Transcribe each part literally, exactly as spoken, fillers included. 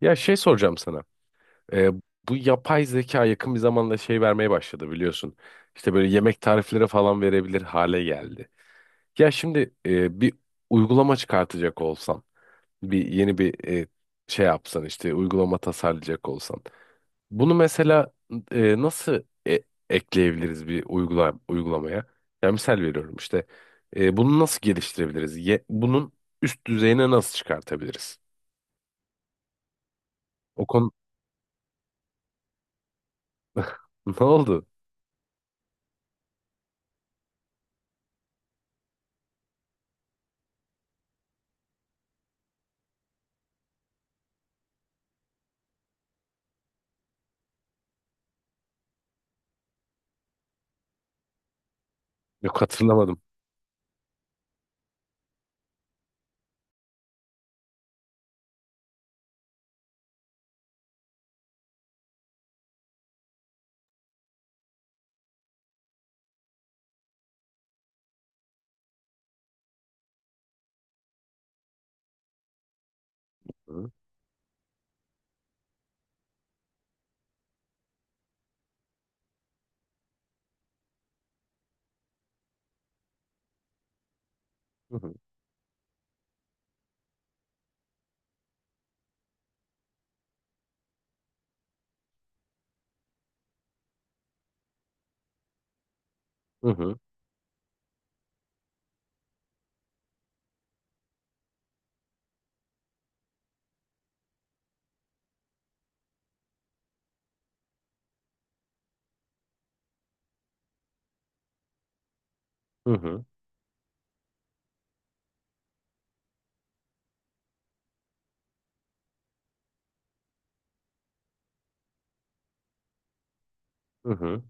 Ya şey soracağım sana. Ee, Bu yapay zeka yakın bir zamanda şey vermeye başladı biliyorsun. İşte böyle yemek tarifleri falan verebilir hale geldi. Ya şimdi e, bir uygulama çıkartacak olsan, bir yeni bir e, şey yapsan işte uygulama tasarlayacak olsan. Bunu mesela e, nasıl e- ekleyebiliriz bir uygula uygulamaya? Ya misal veriyorum işte. E, bunu nasıl geliştirebiliriz? Ye- bunun üst düzeyine nasıl çıkartabiliriz? O konu ne oldu? Yok hatırlamadım. Hı hı. Hı hı. Hı hı. Hı hı.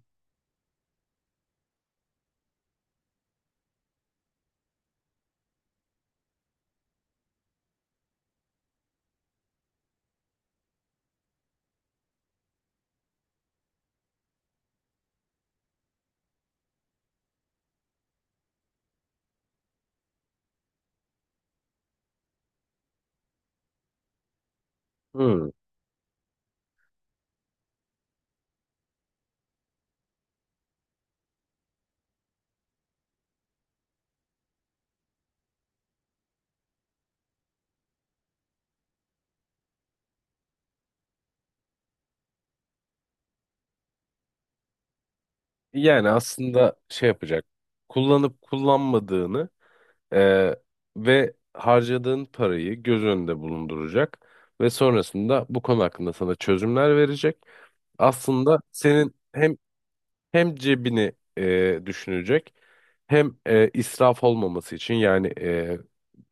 Yani aslında şey yapacak. Kullanıp kullanmadığını eee, ve harcadığın parayı göz önünde bulunduracak ve sonrasında bu konu hakkında sana çözümler verecek. Aslında senin hem hem cebini eee, düşünecek hem eee, israf olmaması için yani eee,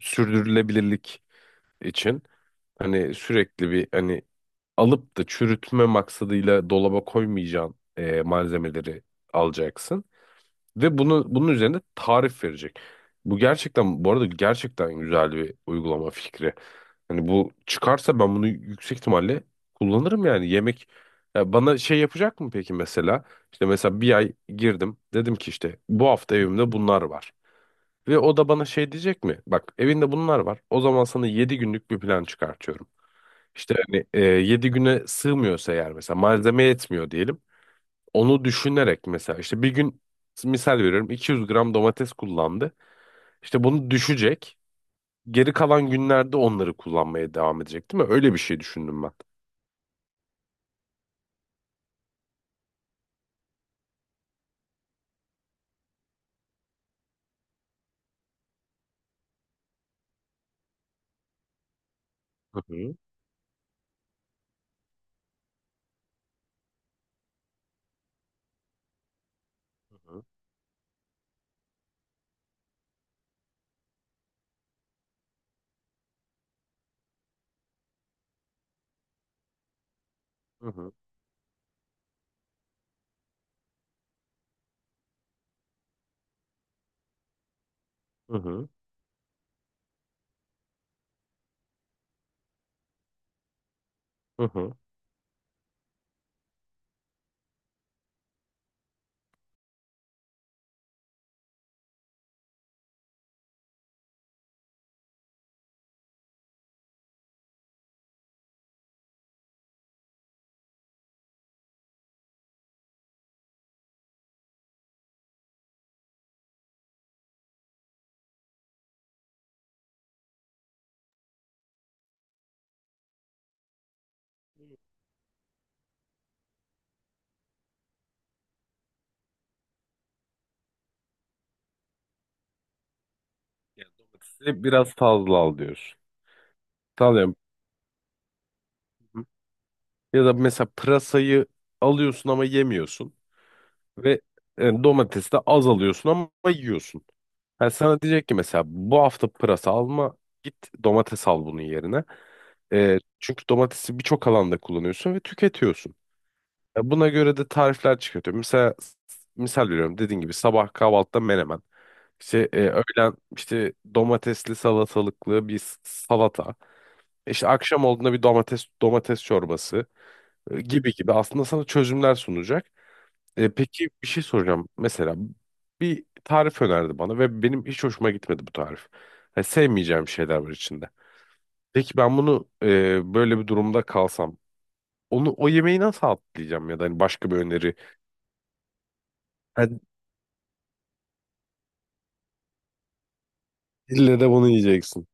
sürdürülebilirlik için hani sürekli bir hani alıp da çürütme maksadıyla dolaba koymayacağın e, malzemeleri alacaksın ve bunu bunun üzerine tarif verecek. Bu gerçekten bu arada gerçekten güzel bir uygulama fikri. Hani bu çıkarsa ben bunu yüksek ihtimalle kullanırım yani yemek ya bana şey yapacak mı peki mesela? İşte mesela bir ay girdim, dedim ki işte bu hafta evimde bunlar var. Ve o da bana şey diyecek mi? Bak evinde bunlar var. O zaman sana yedi günlük bir plan çıkartıyorum. İşte hani e, yedi güne sığmıyorsa eğer mesela malzeme yetmiyor diyelim. Onu düşünerek mesela işte bir gün misal veriyorum iki yüz gram domates kullandı. İşte bunu düşecek. Geri kalan günlerde onları kullanmaya devam edecek değil mi? Öyle bir şey düşündüm ben. Hı. Hı hı. Hı hı. Hı hı. Hı. Yani domatesi biraz fazla al diyorsun. Tamam. Hı hı. Ya da mesela pırasayı alıyorsun ama yemiyorsun ve e, domatesi de az alıyorsun ama yiyorsun. Yani sana diyecek ki mesela bu hafta pırasa alma, git domates al bunun yerine. Ee, çünkü domatesi birçok alanda kullanıyorsun ve tüketiyorsun. E, buna göre de tarifler çıkartıyor. Mesela misal veriyorum dediğin gibi sabah kahvaltıda menemen. İşte e, öğlen işte domatesli salatalıklı bir s- salata. İşte akşam olduğunda bir domates domates çorbası e, gibi gibi aslında sana çözümler sunacak. E, peki bir şey soracağım. Mesela bir tarif önerdi bana ve benim hiç hoşuma gitmedi bu tarif. Yani sevmeyeceğim şeyler var içinde. Peki ben bunu e, böyle bir durumda kalsam onu o yemeği nasıl atlayacağım ya da hani başka bir öneri. Hadi, ille de bunu yiyeceksin.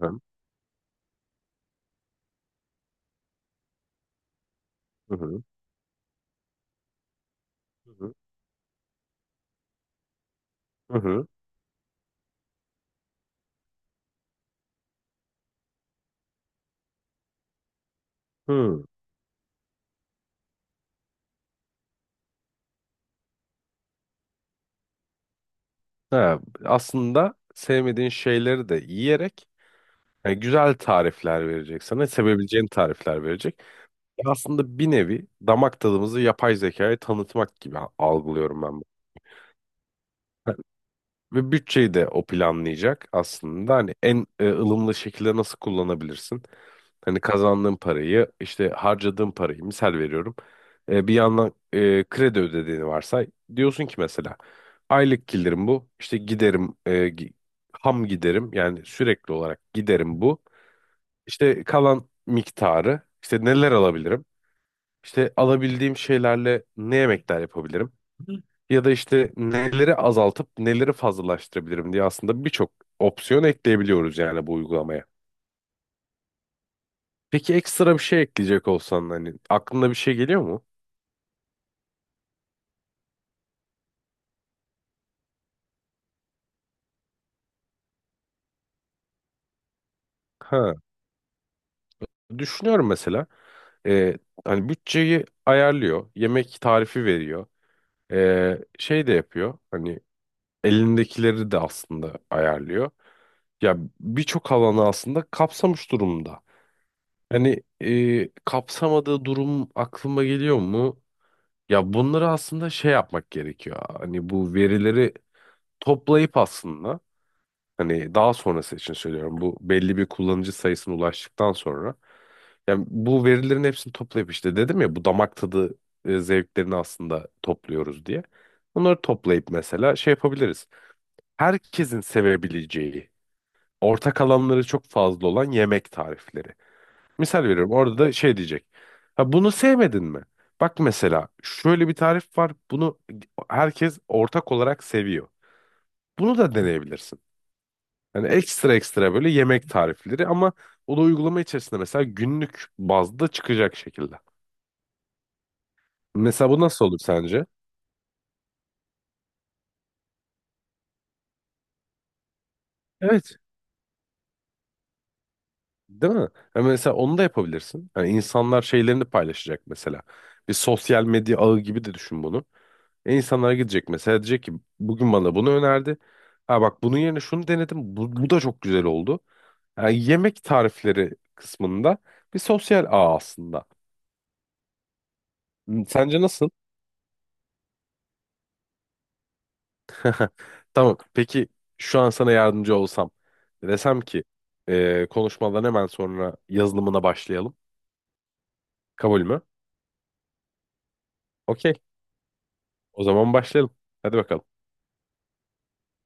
Hı hı, hı hı hı, hı, hı. Ha, aslında sevmediğin şeyleri de yiyerek yani güzel tarifler verecek sana, sevebileceğin tarifler verecek. Ya aslında bir nevi damak tadımızı yapay zekaya tanıtmak gibi a- algılıyorum ben bunu. Hani ve bütçeyi de o planlayacak aslında. Hani en e, ılımlı şekilde nasıl kullanabilirsin? Hani kazandığın parayı, işte harcadığın parayı misal veriyorum. E, bir yandan e, kredi ödediğini varsay. Diyorsun ki mesela aylık gelirim bu. İşte giderim e, gi- ham giderim yani sürekli olarak giderim bu. İşte kalan miktarı işte neler alabilirim? İşte alabildiğim şeylerle ne yemekler yapabilirim? Ya da işte neleri azaltıp neleri fazlalaştırabilirim diye aslında birçok opsiyon ekleyebiliyoruz yani bu uygulamaya. Peki ekstra bir şey ekleyecek olsan hani aklına bir şey geliyor mu? Ha, düşünüyorum mesela. Ee, Hani bütçeyi ayarlıyor, yemek tarifi veriyor, Ee, şey de yapıyor. Hani elindekileri de aslında ayarlıyor. Ya birçok alanı aslında kapsamış durumda. Hani e, kapsamadığı durum aklıma geliyor mu? Ya bunları aslında şey yapmak gerekiyor. Hani bu verileri toplayıp aslında hani daha sonrası için söylüyorum. Bu belli bir kullanıcı sayısına ulaştıktan sonra yani bu verilerin hepsini toplayıp işte dedim ya bu damak tadı e, zevklerini aslında topluyoruz diye. Bunları toplayıp mesela şey yapabiliriz. Herkesin sevebileceği ortak alanları çok fazla olan yemek tarifleri. Misal veriyorum orada da şey diyecek. Ha, bunu sevmedin mi? Bak mesela şöyle bir tarif var. Bunu herkes ortak olarak seviyor. Bunu da deneyebilirsin. Yani ekstra ekstra böyle yemek tarifleri ama o da uygulama içerisinde mesela günlük bazda çıkacak şekilde. Mesela bu nasıl olur sence? Evet, değil mi? Ya mesela onu da yapabilirsin. Yani insanlar şeylerini paylaşacak mesela. Bir sosyal medya ağı gibi de düşün bunu. E, insanlara gidecek mesela, diyecek ki bugün bana bunu önerdi. Ha bak, bunun yerine şunu denedim. Bu, bu da çok güzel oldu. Yani yemek tarifleri kısmında bir sosyal ağ aslında. Hmm, sence nasıl? Tamam. Peki şu an sana yardımcı olsam, desem ki e, konuşmadan hemen sonra yazılımına başlayalım. Kabul mü? Okey. O zaman başlayalım. Hadi bakalım.